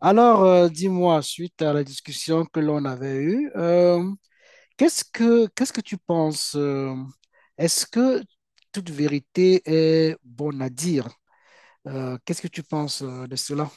Alors, dis-moi, suite à la discussion que l'on avait eue, qu'est-ce que tu penses? Est-ce que toute vérité est bonne à dire? Qu'est-ce que tu penses de cela?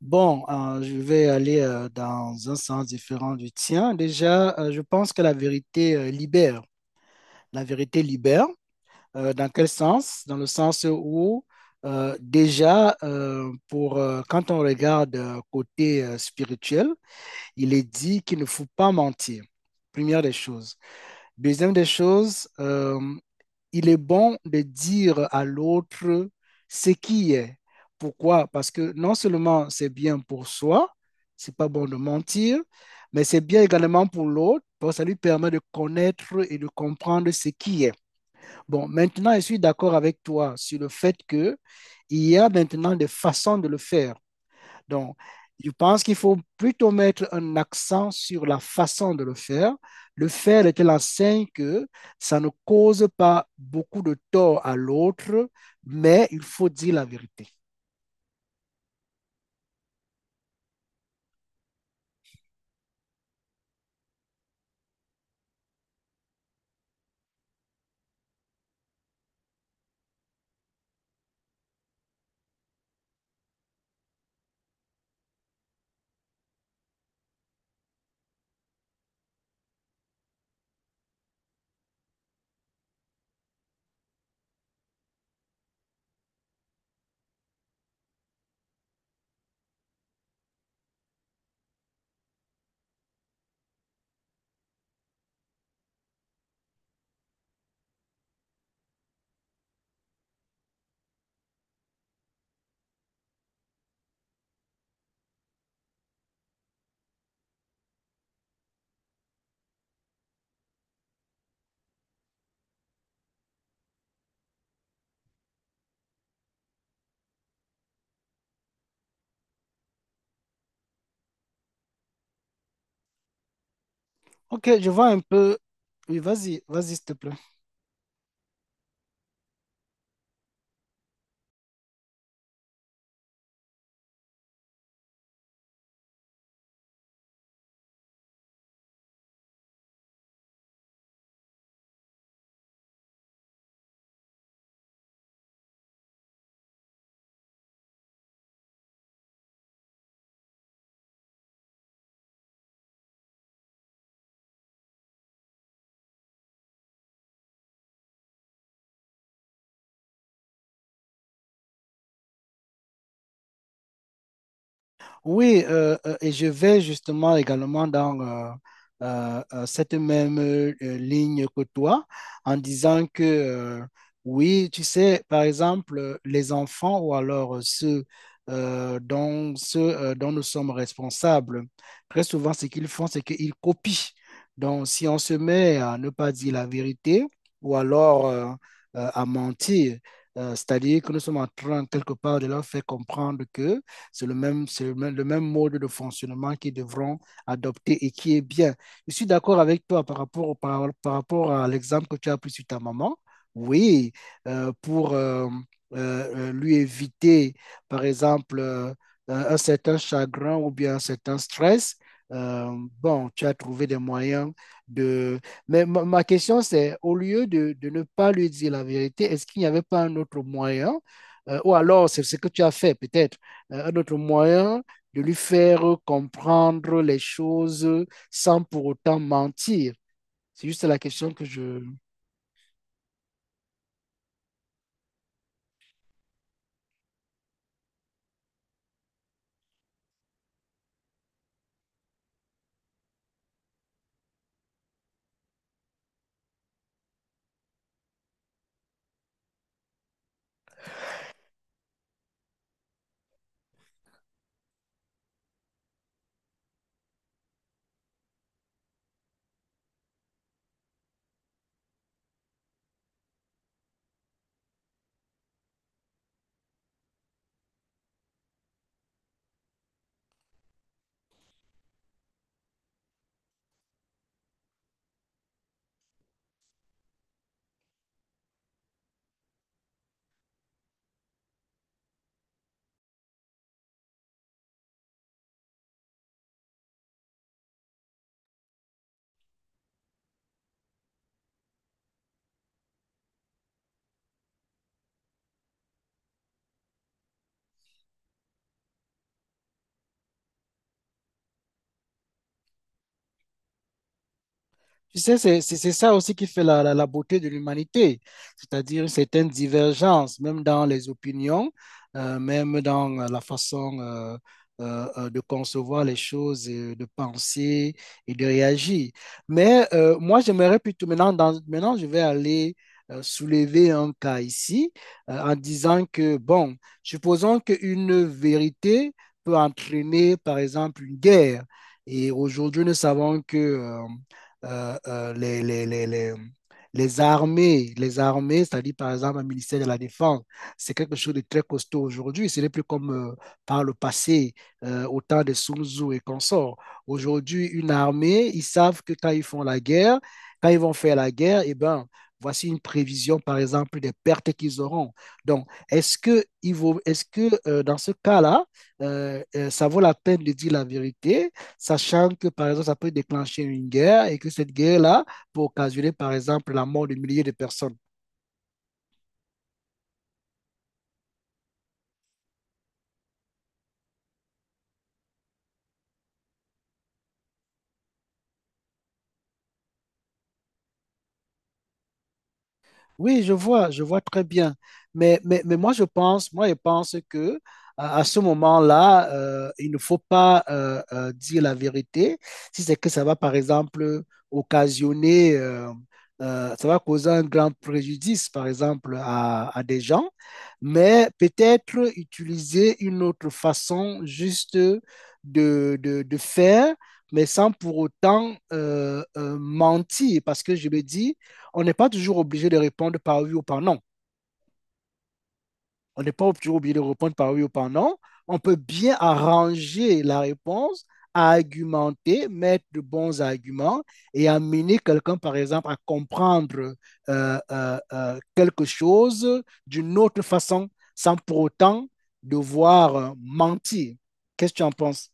Bon, je vais aller dans un sens différent du tien. Déjà, je pense que la vérité libère. La vérité libère. Dans quel sens? Dans le sens où, déjà, quand on regarde côté spirituel, il est dit qu'il ne faut pas mentir. Première des choses. Deuxième des choses, il est bon de dire à l'autre ce qui est. Pourquoi? Parce que non seulement c'est bien pour soi, c'est pas bon de mentir, mais c'est bien également pour l'autre, parce que ça lui permet de connaître et de comprendre ce qui est. Bon, maintenant, je suis d'accord avec toi sur le fait que il y a maintenant des façons de le faire. Donc, je pense qu'il faut plutôt mettre un accent sur la façon de le faire de telle enseigne que ça ne cause pas beaucoup de tort à l'autre, mais il faut dire la vérité. Ok, je vois un peu. Oui, vas-y, vas-y, s'il te plaît. Oui, et je vais justement également dans cette même ligne que toi en disant que oui, tu sais, par exemple, les enfants ou alors ceux dont nous sommes responsables, très souvent, ce qu'ils font, c'est qu'ils copient. Donc, si on se met à ne pas dire la vérité ou alors à mentir, c'est-à-dire que nous sommes en train quelque part de leur faire comprendre que le même mode de fonctionnement qu'ils devront adopter et qui est bien. Je suis d'accord avec toi par rapport à l'exemple que tu as pris sur ta maman. Oui, pour lui éviter, par exemple, un certain chagrin ou bien un certain stress. euh, bon, tu as trouvé des moyens de... Mais ma question, c'est, de ne pas lui dire la vérité, est-ce qu'il n'y avait pas un autre moyen? Ou alors, c'est ce que tu as fait, peut-être un autre moyen de lui faire comprendre les choses sans pour autant mentir. C'est juste la question que je... Tu sais, c'est ça aussi qui fait la beauté de l'humanité, c'est-à-dire une certaine divergence, même dans les opinions, même dans la façon de concevoir les choses, de penser et de réagir. Mais moi, j'aimerais plutôt, maintenant, maintenant, je vais aller soulever un cas ici, en disant que, bon, supposons qu'une vérité peut entraîner, par exemple, une guerre. Et aujourd'hui, nous savons que... euh, euh, les, les, les, les les armées, c'est-à-dire par exemple le ministère de la Défense, c'est quelque chose de très costaud aujourd'hui. Ce n'est plus comme par le passé, au temps de Sun Tzu et consorts. Aujourd'hui, une armée, ils savent que quand ils font la guerre, quand ils vont faire la guerre, eh ben, voici une prévision, par exemple, des pertes qu'ils auront. Donc, est-ce que dans ce cas-là, ça vaut la peine de dire la vérité sachant que, par exemple, ça peut déclencher une guerre et que cette guerre-là peut occasionner, par exemple, la mort de milliers de personnes. Oui, je vois très bien. Mais moi, je pense que à ce moment-là, il ne faut pas dire la vérité. Si c'est que ça va, par exemple, occasionner, ça va causer un grand préjudice, par exemple, à des gens. Mais peut-être utiliser une autre façon juste de, de faire, mais sans pour autant mentir. Parce que je me dis, on n'est pas toujours obligé de répondre par oui ou par non. On n'est pas toujours obligé de répondre par oui ou par non. On peut bien arranger la réponse, argumenter, mettre de bons arguments et amener quelqu'un, par exemple, à comprendre quelque chose d'une autre façon, sans pour autant devoir mentir. Qu'est-ce que tu en penses?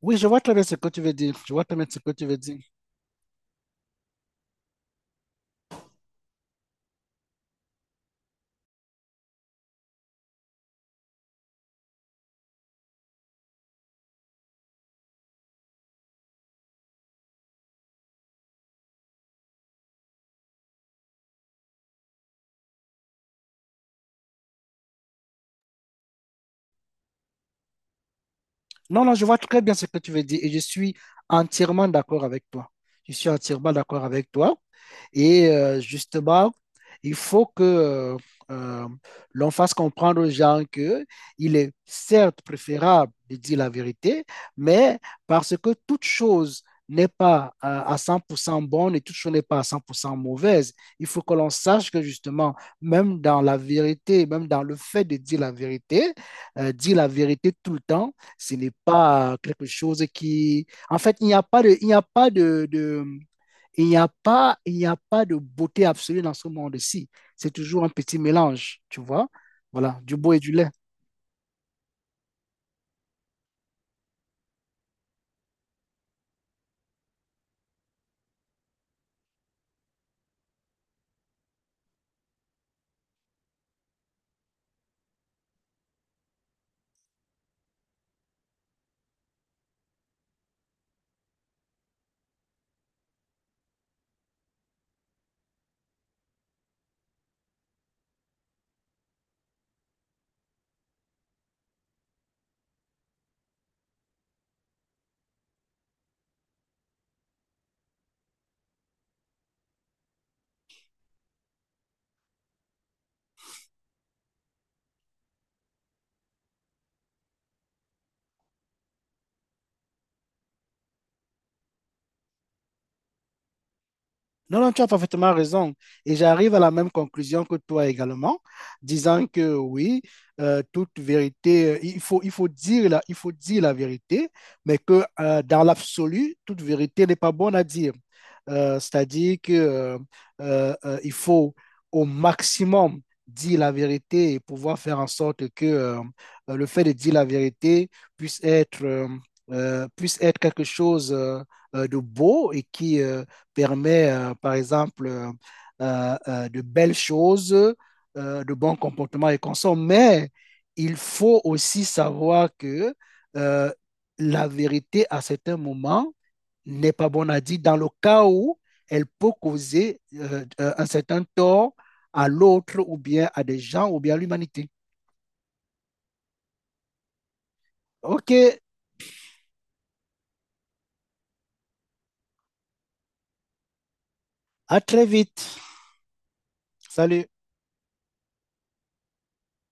Oui, je vois très bien ce que tu veux dire. Je vois très bien ce que tu veux dire. Non, non, je vois très bien ce que tu veux dire et je suis entièrement d'accord avec toi. Je suis entièrement d'accord avec toi. Et justement, il faut que euh, l'on fasse comprendre aux gens que il est certes préférable de dire la vérité, mais parce que toute chose n'est pas à 100% bonne et toute chose n'est pas à 100% mauvaise. Il faut que l'on sache que justement, même dans la vérité, même dans le fait de dire la vérité tout le temps, ce n'est pas quelque chose qui... En fait, il n'y a pas de, il n'y a pas de, de- il n'y a pas, il n'y a pas de beauté absolue dans ce monde-ci. C'est toujours un petit mélange, tu vois. Voilà, du beau et du laid. Non, non, tu as parfaitement raison. Et j'arrive à la même conclusion que toi également, disant que oui, toute vérité, il faut dire la vérité, mais que dans l'absolu, toute vérité n'est pas bonne à dire. C'est-à-dire que il faut au maximum dire la vérité et pouvoir faire en sorte que le fait de dire la vérité puisse être, euh, puisse être quelque chose de beau et qui, permet, par exemple, de belles choses, de bons comportements et consorts, mais il faut aussi savoir que euh, la vérité à certains moments n'est pas bonne à dire dans le cas où elle peut causer un certain tort à l'autre ou bien à des gens ou bien à l'humanité. OK, à très vite. Salut.